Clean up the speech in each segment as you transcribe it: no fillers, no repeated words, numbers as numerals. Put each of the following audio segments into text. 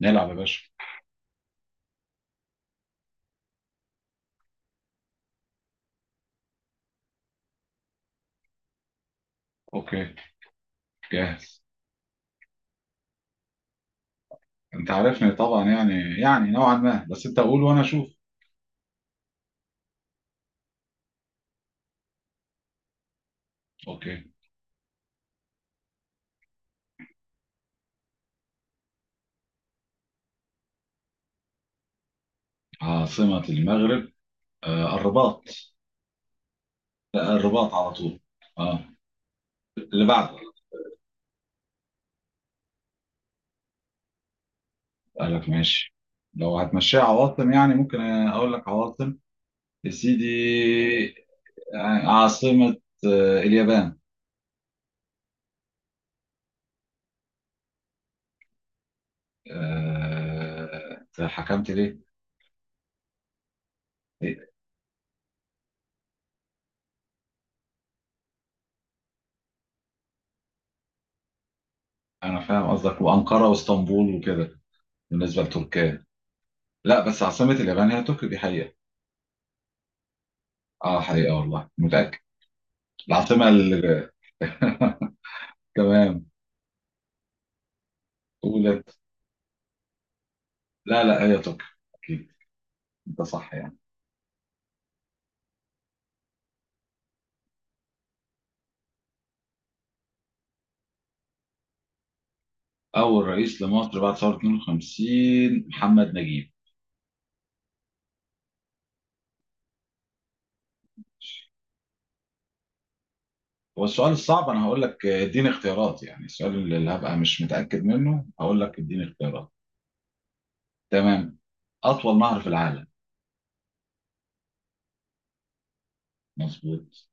نلعب يا باشا. اوكي. جاهز. انت عارفني طبعا، يعني نوعا ما، بس انت قول وانا اشوف. اوكي. عاصمة المغرب، آه الرباط. لا، الرباط على طول. اه، اللي بعده. قال لك ماشي، لو هتمشيها عواصم يعني ممكن اقول لك عواصم يا سيدي. عاصمة اليابان. آه، أنت حكمت ليه؟ إيه، انا فاهم قصدك، وانقرة واسطنبول وكده بالنسبة لتركيا. لا، بس عاصمة اليابان هي طوكيو، دي حقيقة. اه، حقيقة، والله متأكد. العاصمة. تمام. قولت لا لا هي طوكيو، أكيد، أنت صح يعني. أول رئيس لمصر بعد ثورة 52، محمد نجيب. هو السؤال الصعب أنا هقول لك، اديني اختيارات، يعني السؤال اللي هبقى مش متأكد منه هقول لك اديني اختيارات. تمام. أطول نهر في العالم. مظبوط.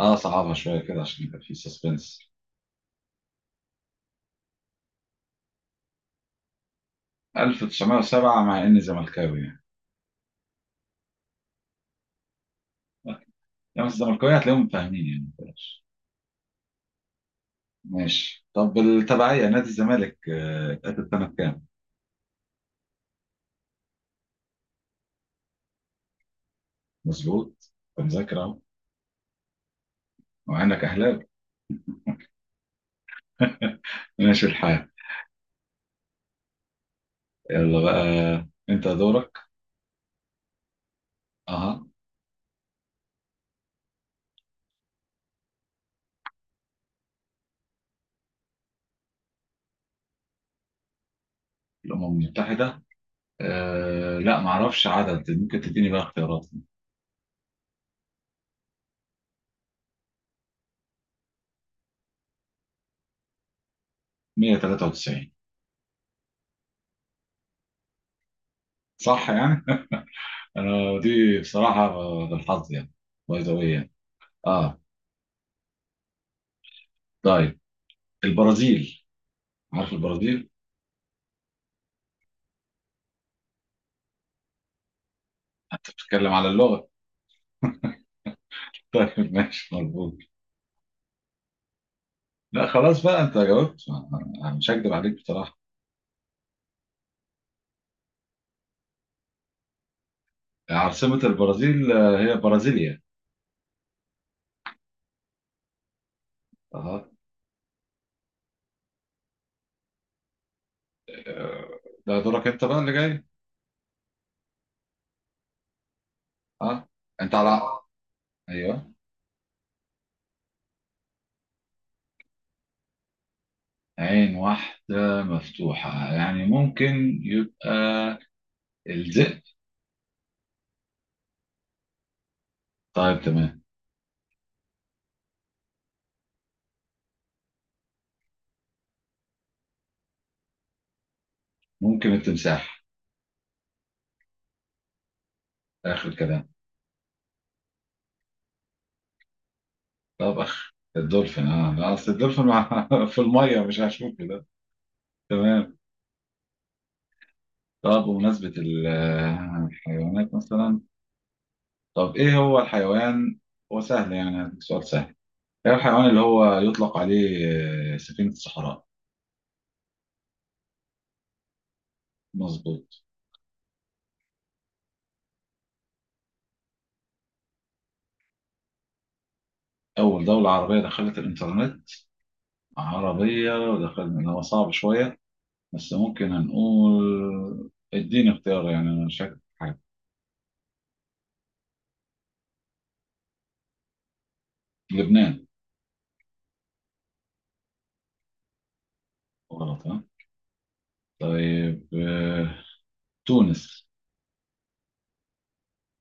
اه، صعبها شوية كده عشان يبقى في سسبنس. 1907، مع إني زملكاوي يعني. يعني الزملكاوية هتلاقيهم فاهمين، يعني ما تقلقش. ماشي. طب التبعية نادي الزمالك اتأسس سنة كام؟ مظبوط، أنت مذاكر أهو، مع إنك أهلاوي. ماشي الحال. يلا بقى، أنت دورك. أها. الأمم المتحدة. آه، لا معرفش عدد، ممكن تديني بقى اختيارات. 193. صح يعني؟ أنا دي بصراحة بالحظ يعني، باي ذا واي يعني. أه، طيب. البرازيل، عارف البرازيل؟ أنت بتتكلم على اللغة. طيب ماشي، مظبوط. لا، خلاص بقى أنت جاوبت، أنا مش هكدب عليك. عاصمة البرازيل هي برازيليا. اها. آه، ده دورك انت بقى اللي جاي. اه، انت على. ايوه. عين واحدة مفتوحة، يعني ممكن يبقى الذئب. طيب تمام. ممكن التمساح، اخر كلام. طب الدولفين، اه لا، اصل الدولفين. في المية مش هشوف كده. تمام. طب بمناسبة الحيوانات مثلا. طب ايه هو الحيوان؟ هو سهل يعني، هديك سؤال سهل. ده الحيوان اللي هو يطلق عليه سفينة الصحراء. مظبوط. أول دولة عربية دخلت الإنترنت. عربية ودخلنا اللي هو صعب شوية، بس ممكن هنقول اديني اختيار، يعني أنا مش فاكر حاجة. لبنان. غلط ها. طيب تونس.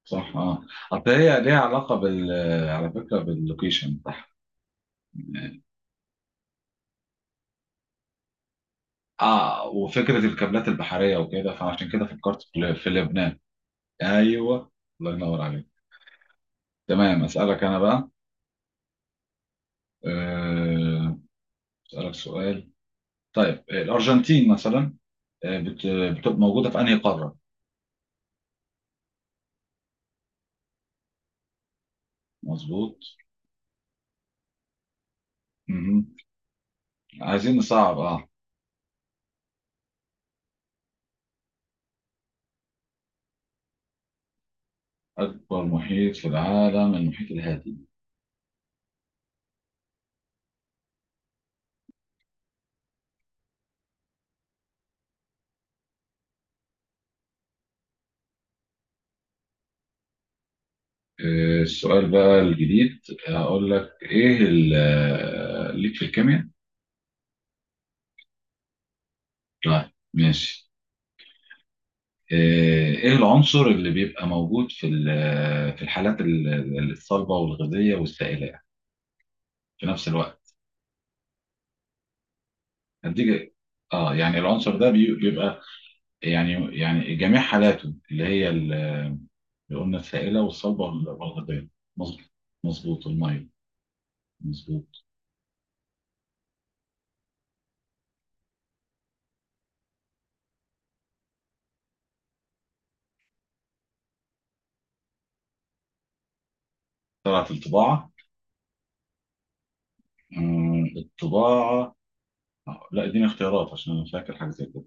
صح اه. أصل هي ليها علاقة بال آه، على فكرة باللوكيشن بتاعها. اه، وفكرة الكابلات البحرية وكده، فعشان كده فكرت في لبنان. ايوه. الله ينور عليك. تمام، أسألك أنا بقى. آه، أسألك سؤال. طيب الأرجنتين مثلا، آه، بت- بتبقى موجودة في أنهي قارة؟ مظبوط. مهم. عايزين نصعب اه. أكبر محيط في العالم المحيط الهادي. السؤال بقى الجديد، هقول لك إيه ليك في الكيمياء؟ طيب ماشي. آه، إيه العنصر اللي بيبقى موجود في الحالات الصلبة والغازية والسائلة في نفس الوقت؟ هديك. اه، يعني العنصر ده بيبقى يعني جميع حالاته اللي هي اللي قلنا السائلة والصلبة والغذائية. مظبوط، مظبوط المية، مظبوط. طلعت الطباعة. آه، الطباعة. آه، لا اديني اختيارات عشان انا فاكر حاجة زي كده.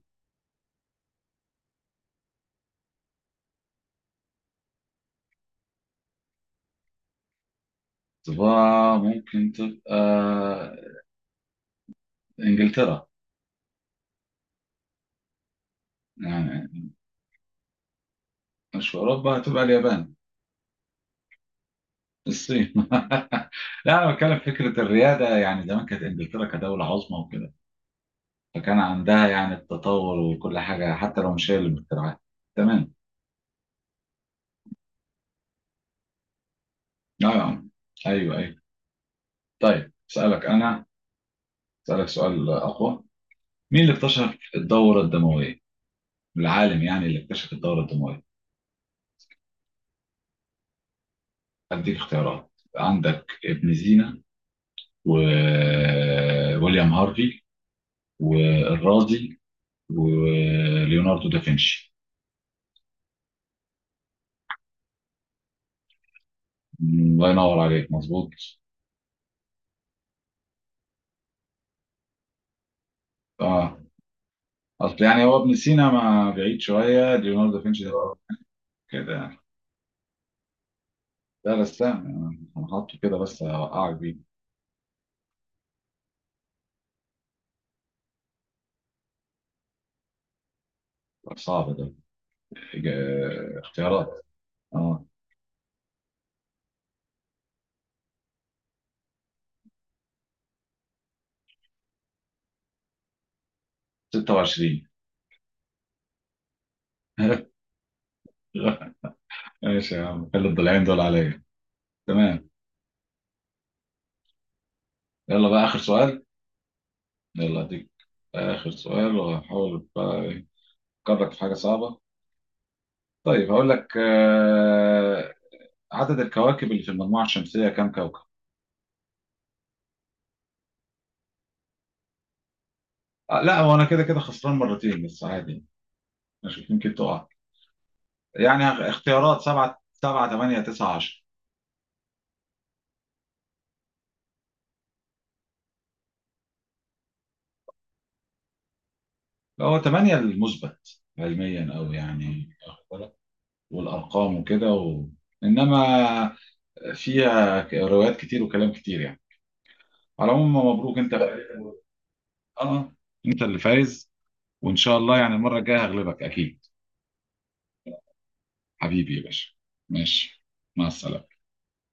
الطباعة ممكن تبقى انجلترا يعني. مش في اوروبا؟ هتبقى اليابان. الصين. لا، انا بتكلم في فكرة الريادة، يعني زمان كانت انجلترا كدولة عظمى وكده، فكان عندها يعني التطور وكل حاجة حتى لو مش هي اللي مخترعاها. تمام. اه آه. ايوه ايوه. طيب اسالك انا، اسالك سؤال اقوى. مين اللي اكتشف الدوره الدمويه؟ العالم يعني اللي اكتشف الدوره الدمويه. اديك اختيارات. عندك ابن سينا، وويليام هارفي، والرازي، وليوناردو دافنشي. الله ينور عليك، مظبوط. اه، اصل يعني هو ابن سينا ما بعيد شويه ليوناردو دافنشي ده بقى، كده يعني. لا بس لا، انا حاطه كده بس اوقعك بيه. صعب ده. اختيارات. اه. 26. ماشي يا عم، خلي الضلعين دول عليا. تمام. يلا بقى آخر سؤال. يلا أديك. آخر سؤال، وهحاول بقى أفكرك في حاجة صعبة. طيب هقول لك عدد الكواكب اللي في المجموعة الشمسية كم كوكب؟ لا، هو أنا كده كده خسران مرتين بس عادي. مش يمكن تقع. يعني اختيارات سبعة سبعة تمانية تسعة 10. هو تمانية المثبت علميا أو يعني واخد بالك؟ والأرقام وكده. إنما فيها روايات كتير وكلام كتير يعني. على العموم مبروك انت. اه، انت اللي فايز. وان شاء الله يعني المره الجايه هغلبك اكيد. حبيبي يا باشا. ماشي، مع السلامه.